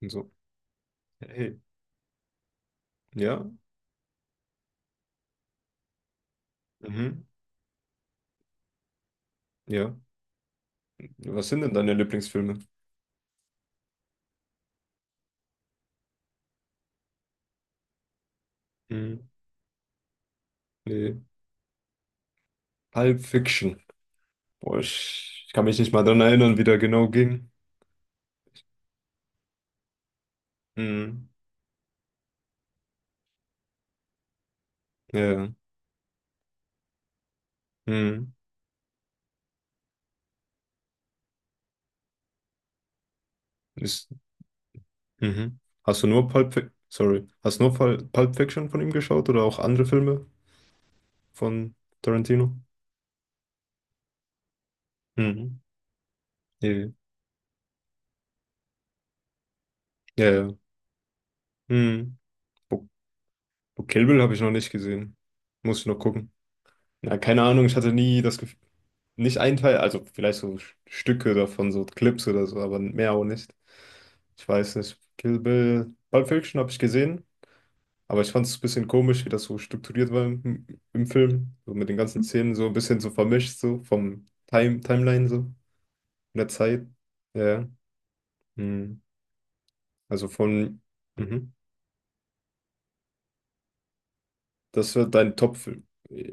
Und so, hey, ja, mhm, ja. Was sind denn deine Lieblingsfilme? Mhm. Nee. Pulp Fiction. Boah, ich kann mich nicht mal dran erinnern, wie der genau ging. Mhm. Ja, ja. Mhm. Ist, mhm. Hast du nur Pulp Fiction, sorry, hast du nur Pulp Fiction von ihm geschaut oder auch andere Filme von Tarantino? Mhm. Ja, ja. Ja, ja. Mhm. Bo Bo Kill Bill habe ich noch nicht gesehen. Muss ich noch gucken. Ja, keine Ahnung, ich hatte nie das Gefühl, nicht ein Teil, also vielleicht so Stücke davon, so Clips oder so, aber mehr auch nicht. Ich weiß nicht. Kill Bill, Pulp Fiction habe ich gesehen, aber ich fand es ein bisschen komisch, wie das so strukturiert war im Film. So mit den ganzen Szenen so ein bisschen so vermischt, so vom Timeline so, von der Zeit. Ja, ja. Hm. Also von, mhm. Das wird dein Top-Film?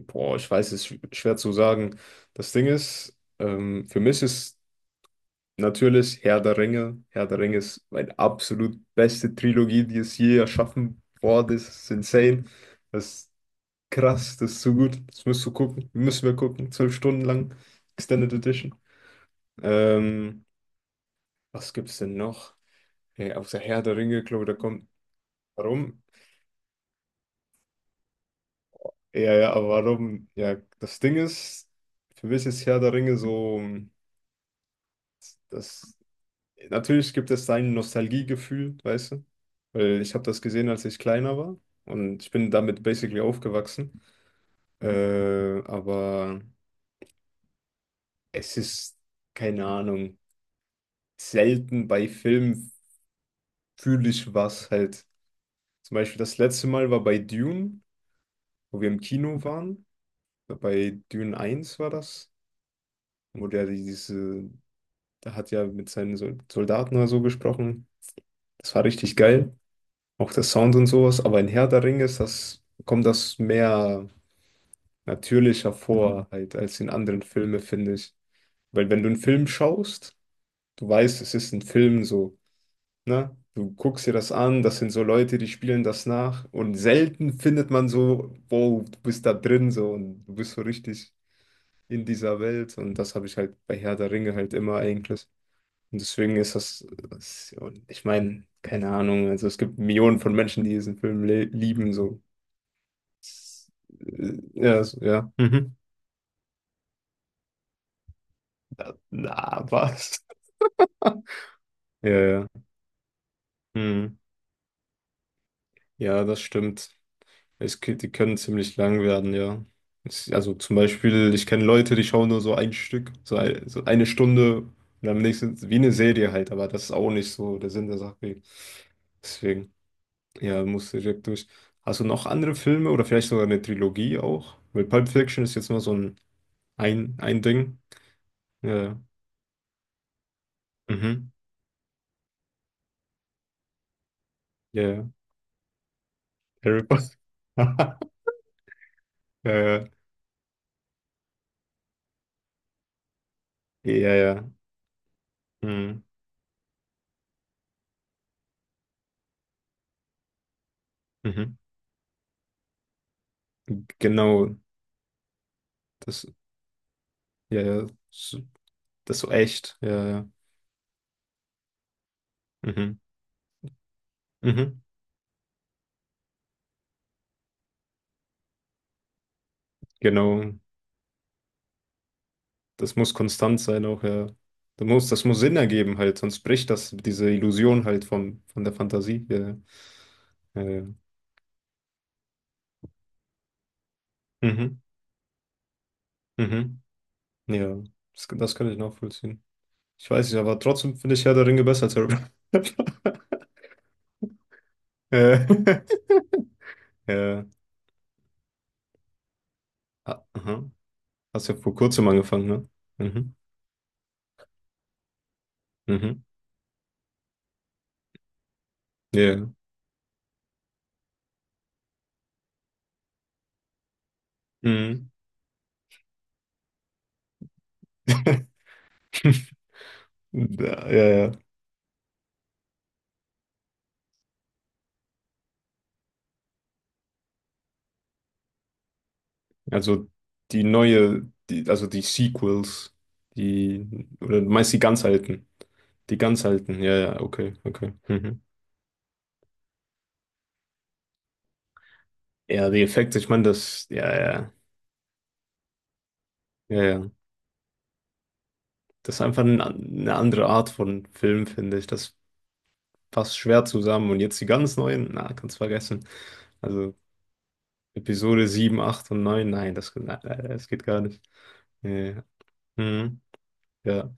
Boah, ich weiß, es ist schwer zu sagen. Das Ding ist, für mich ist natürlich Herr der Ringe. Herr der Ringe ist meine absolut beste Trilogie, die es je erschaffen worden ist. Das ist insane. Das ist krass, das ist so gut. Das musst du gucken. Müssen wir gucken. 12 Stunden lang. Extended Edition. Ähm, was gibt's denn noch? Hey, außer Herr der Ringe, glaube ich, da kommt. Warum? Ja, ja, aber warum? Ja, das Ding ist, für mich ist Herr der Ringe so das. Natürlich gibt es sein Nostalgiegefühl, weißt du? Weil ich habe das gesehen, als ich kleiner war und ich bin damit basically aufgewachsen. Aber es ist, keine Ahnung, selten bei Filmen fühle ich was halt. Zum Beispiel das letzte Mal war bei Dune, wo wir im Kino waren. Bei Dune 1 war das, wo der diese, der hat ja mit seinen Soldaten oder so gesprochen. Das war richtig geil. Auch der Sound und sowas, aber in Herr der Ringe ist das, kommt das mehr natürlicher vor, halt, als in anderen Filmen, finde ich. Weil wenn du einen Film schaust, du weißt, es ist ein Film so, ne? Du guckst dir das an, das sind so Leute, die spielen das nach und selten findet man so, wow, du bist da drin so und du bist so richtig in dieser Welt und das habe ich halt bei Herr der Ringe halt immer eigentlich. Und deswegen ist das, das und ich meine, keine Ahnung, also es gibt Millionen von Menschen, die diesen Film lieben so. Ja, ja. Mhm. Na, na, was? Ja, ja. Hm. Ja, das stimmt. Die können ziemlich lang werden, ja. Es, also zum Beispiel, ich kenne Leute, die schauen nur so ein Stück, so, so eine Stunde und am nächsten, wie eine Serie halt, aber das ist auch nicht so der Sinn der Sache. Deswegen, ja, musst du direkt durch. Hast du noch andere Filme oder vielleicht sogar eine Trilogie auch? Weil Pulp Fiction ist jetzt mal so ein Ding. Ja, ja. Mhm. Ja. Ja. Harry Potter. Ja, ja, ja, ja. Mhm. Mhm. Genau, das, ja, ja, das ist so echt, ja, ja. Mhm. Mhm. Genau, das muss konstant sein auch, ja. Das muss Sinn ergeben halt, sonst bricht das diese Illusion halt von der Fantasie, ja, ja, ja. Ja. Mhm. Mhm. Ja, das kann ich nachvollziehen. Ich weiß nicht, aber trotzdem finde ich Herr der Ringe besser als Harry Potter. Äh, Ja. Ah, aha. Hast ja vor kurzem angefangen, ne? Mhm. Mhm. Ja. Mhm. Ja, ja. Ja. Also die neue, die, also die Sequels, die, oder du meinst die ganz alten. Die ganz alten, ja, ja, okay, okay. Mhm. Ja, die Effekte, ich meine, das, ja, ja, ja, ja. Das ist einfach ein, eine andere Art von Film, finde ich. Das passt schwer zusammen. Und jetzt die ganz neuen, na, kannst vergessen. Also Episode 7, 8 und 9, nein, das, nein, nein, das geht gar nicht. Ja, ja. Mhm. Ja.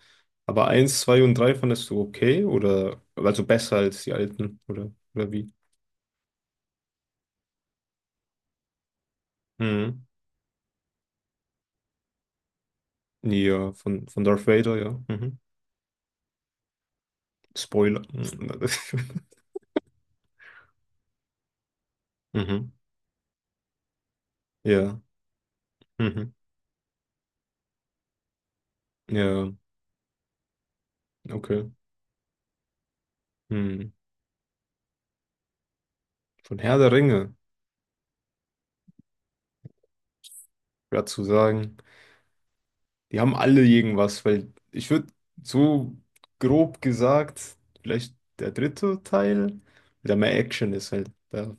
Aber 1, 2 und 3 fandest du okay oder also besser als die alten oder wie? Mhm. Ja, von Darth Vader, ja. Mhm. Spoiler. Mhm. Ja. Mhm. Ja, okay. Mhm. Von Herr der Ringe, ja zu sagen, die haben alle irgendwas, weil ich würde so grob gesagt, vielleicht der dritte Teil, der mehr Action ist halt. Da,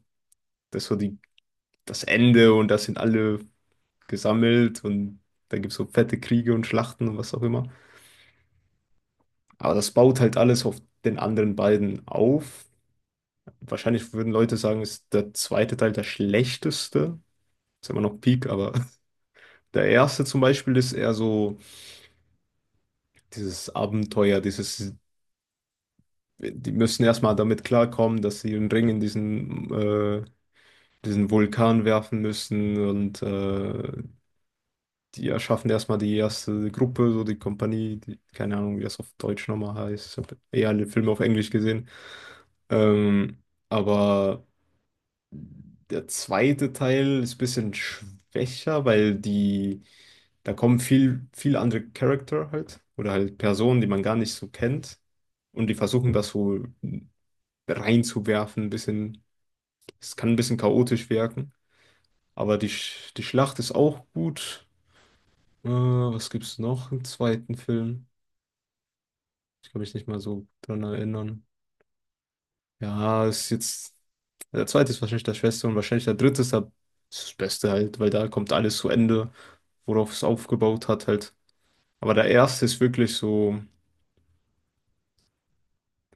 das ist so die, das Ende und das sind alle gesammelt und da gibt es so fette Kriege und Schlachten und was auch immer. Aber das baut halt alles auf den anderen beiden auf. Wahrscheinlich würden Leute sagen, ist der zweite Teil der schlechteste. Ist immer noch Peak, aber der erste zum Beispiel ist eher so dieses Abenteuer, dieses, die müssen erstmal damit klarkommen, dass sie einen Ring in diesen, diesen Vulkan werfen müssen und die erschaffen erstmal die erste Gruppe, so die Kompanie, die, keine Ahnung, wie das auf Deutsch nochmal heißt. Ich habe eher alle Filme auf Englisch gesehen. Ähm, aber der zweite Teil ist ein bisschen schwächer, weil die, da kommen viel, viel andere Charakter halt, oder halt Personen, die man gar nicht so kennt. Und die versuchen das so reinzuwerfen, ein bisschen, es kann ein bisschen chaotisch wirken. Aber die, die Schlacht ist auch gut. Was gibt's noch im zweiten Film? Kann mich nicht mal so dran erinnern. Ja, ist jetzt. Der zweite ist wahrscheinlich der Schwester und wahrscheinlich der dritte ist, der, ist das Beste halt, weil da kommt alles zu Ende, worauf es aufgebaut hat halt. Aber der erste ist wirklich so,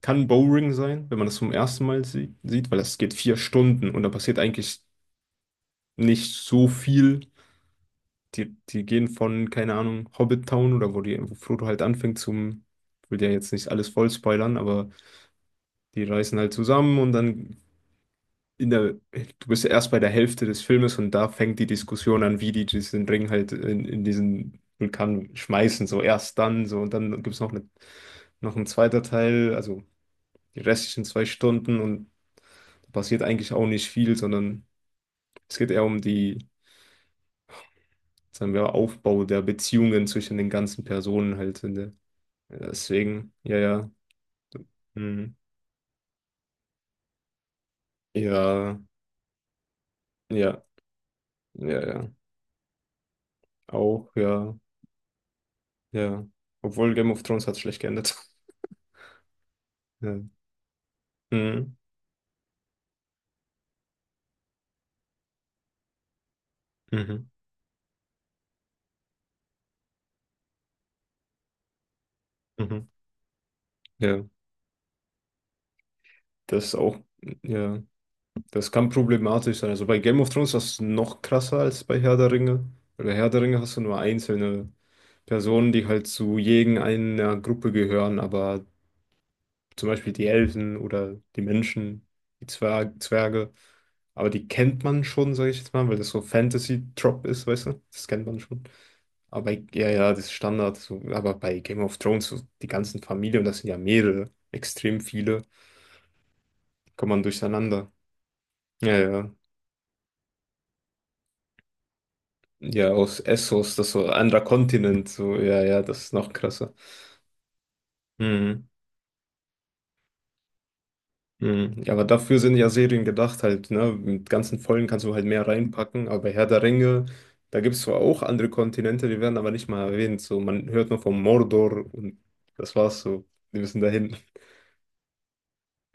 kann Boring sein, wenn man das zum ersten Mal sieht, weil das geht 4 Stunden und da passiert eigentlich nicht so viel. Die, die gehen von, keine Ahnung, Hobbit Town oder wo, die, wo Frodo halt anfängt ich will ja jetzt nicht alles voll spoilern, aber die reisen halt zusammen und dann in der, du bist ja erst bei der Hälfte des Filmes und da fängt die Diskussion an, wie die diesen Ring halt in diesen Vulkan schmeißen, so erst dann, so und dann gibt es noch eine, noch ein zweiter Teil, also die restlichen 2 Stunden und passiert eigentlich auch nicht viel, sondern es geht eher um die, sagen wir, Aufbau der Beziehungen zwischen den ganzen Personen halt in der, deswegen, ja, ja, mhm. Ja, ja, ja, ja, auch, ja, ja, obwohl Game of Thrones hat schlecht geendet. Ja. Mhm. Mhm. Mhm. Ja, das ist auch, ja, das kann problematisch sein. Also bei Game of Thrones ist das noch krasser als bei Herr der Ringe. Bei Herr der Ringe hast du nur einzelne Personen, die halt zu irgendeiner Gruppe gehören, aber zum Beispiel die Elfen oder die Menschen, die Zwerge, aber die kennt man schon, sage ich jetzt mal, weil das so Fantasy-Trop ist, weißt du? Das kennt man schon. Aber ja, ja, das ist Standard. So. Aber bei Game of Thrones, so die ganzen Familien, und das sind ja mehrere, extrem viele, kommt man durcheinander. Ja, ja. Ja, aus Essos, das so ein anderer Kontinent, so, ja, ja, das ist noch krasser. Mhm. Mhm. Ja, aber dafür sind ja Serien gedacht halt, ne? Mit ganzen Folgen kannst du halt mehr reinpacken, aber bei Herr der Ringe, da gibt es zwar auch andere Kontinente, die werden aber nicht mal erwähnt. So, man hört nur von Mordor und das war's so. Die müssen dahin.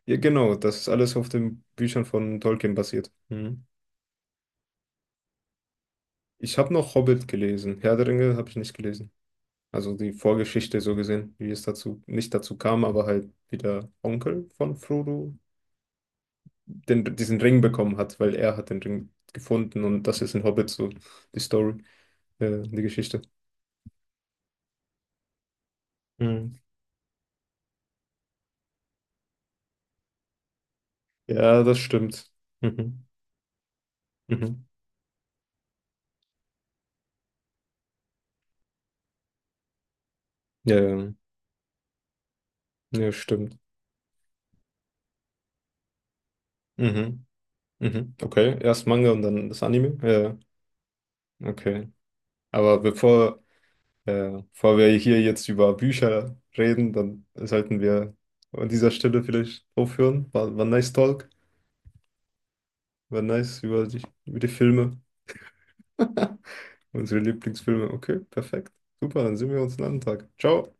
Ja, genau, das ist alles auf den Büchern von Tolkien basiert. Mhm. Ich habe noch Hobbit gelesen. Herr der Ringe habe ich nicht gelesen. Also die Vorgeschichte so gesehen, wie es dazu, nicht dazu kam, aber halt wie der Onkel von Frodo den, diesen Ring bekommen hat, weil er hat den Ring gefunden und das ist in Hobbit so die Story, die Geschichte. Mhm. Ja, das stimmt. Mhm. Mhm. Ja, ja, ja, stimmt. Mhm. Mhm. Okay, erst Manga und dann das Anime. Ja, ja. Okay. Aber bevor, bevor wir hier jetzt über Bücher reden, dann sollten wir an dieser Stelle vielleicht aufhören. War ein nice Talk. War nice über dich, über die Filme, unsere Lieblingsfilme. Okay, perfekt. Super, dann sehen wir uns einen anderen Tag. Ciao.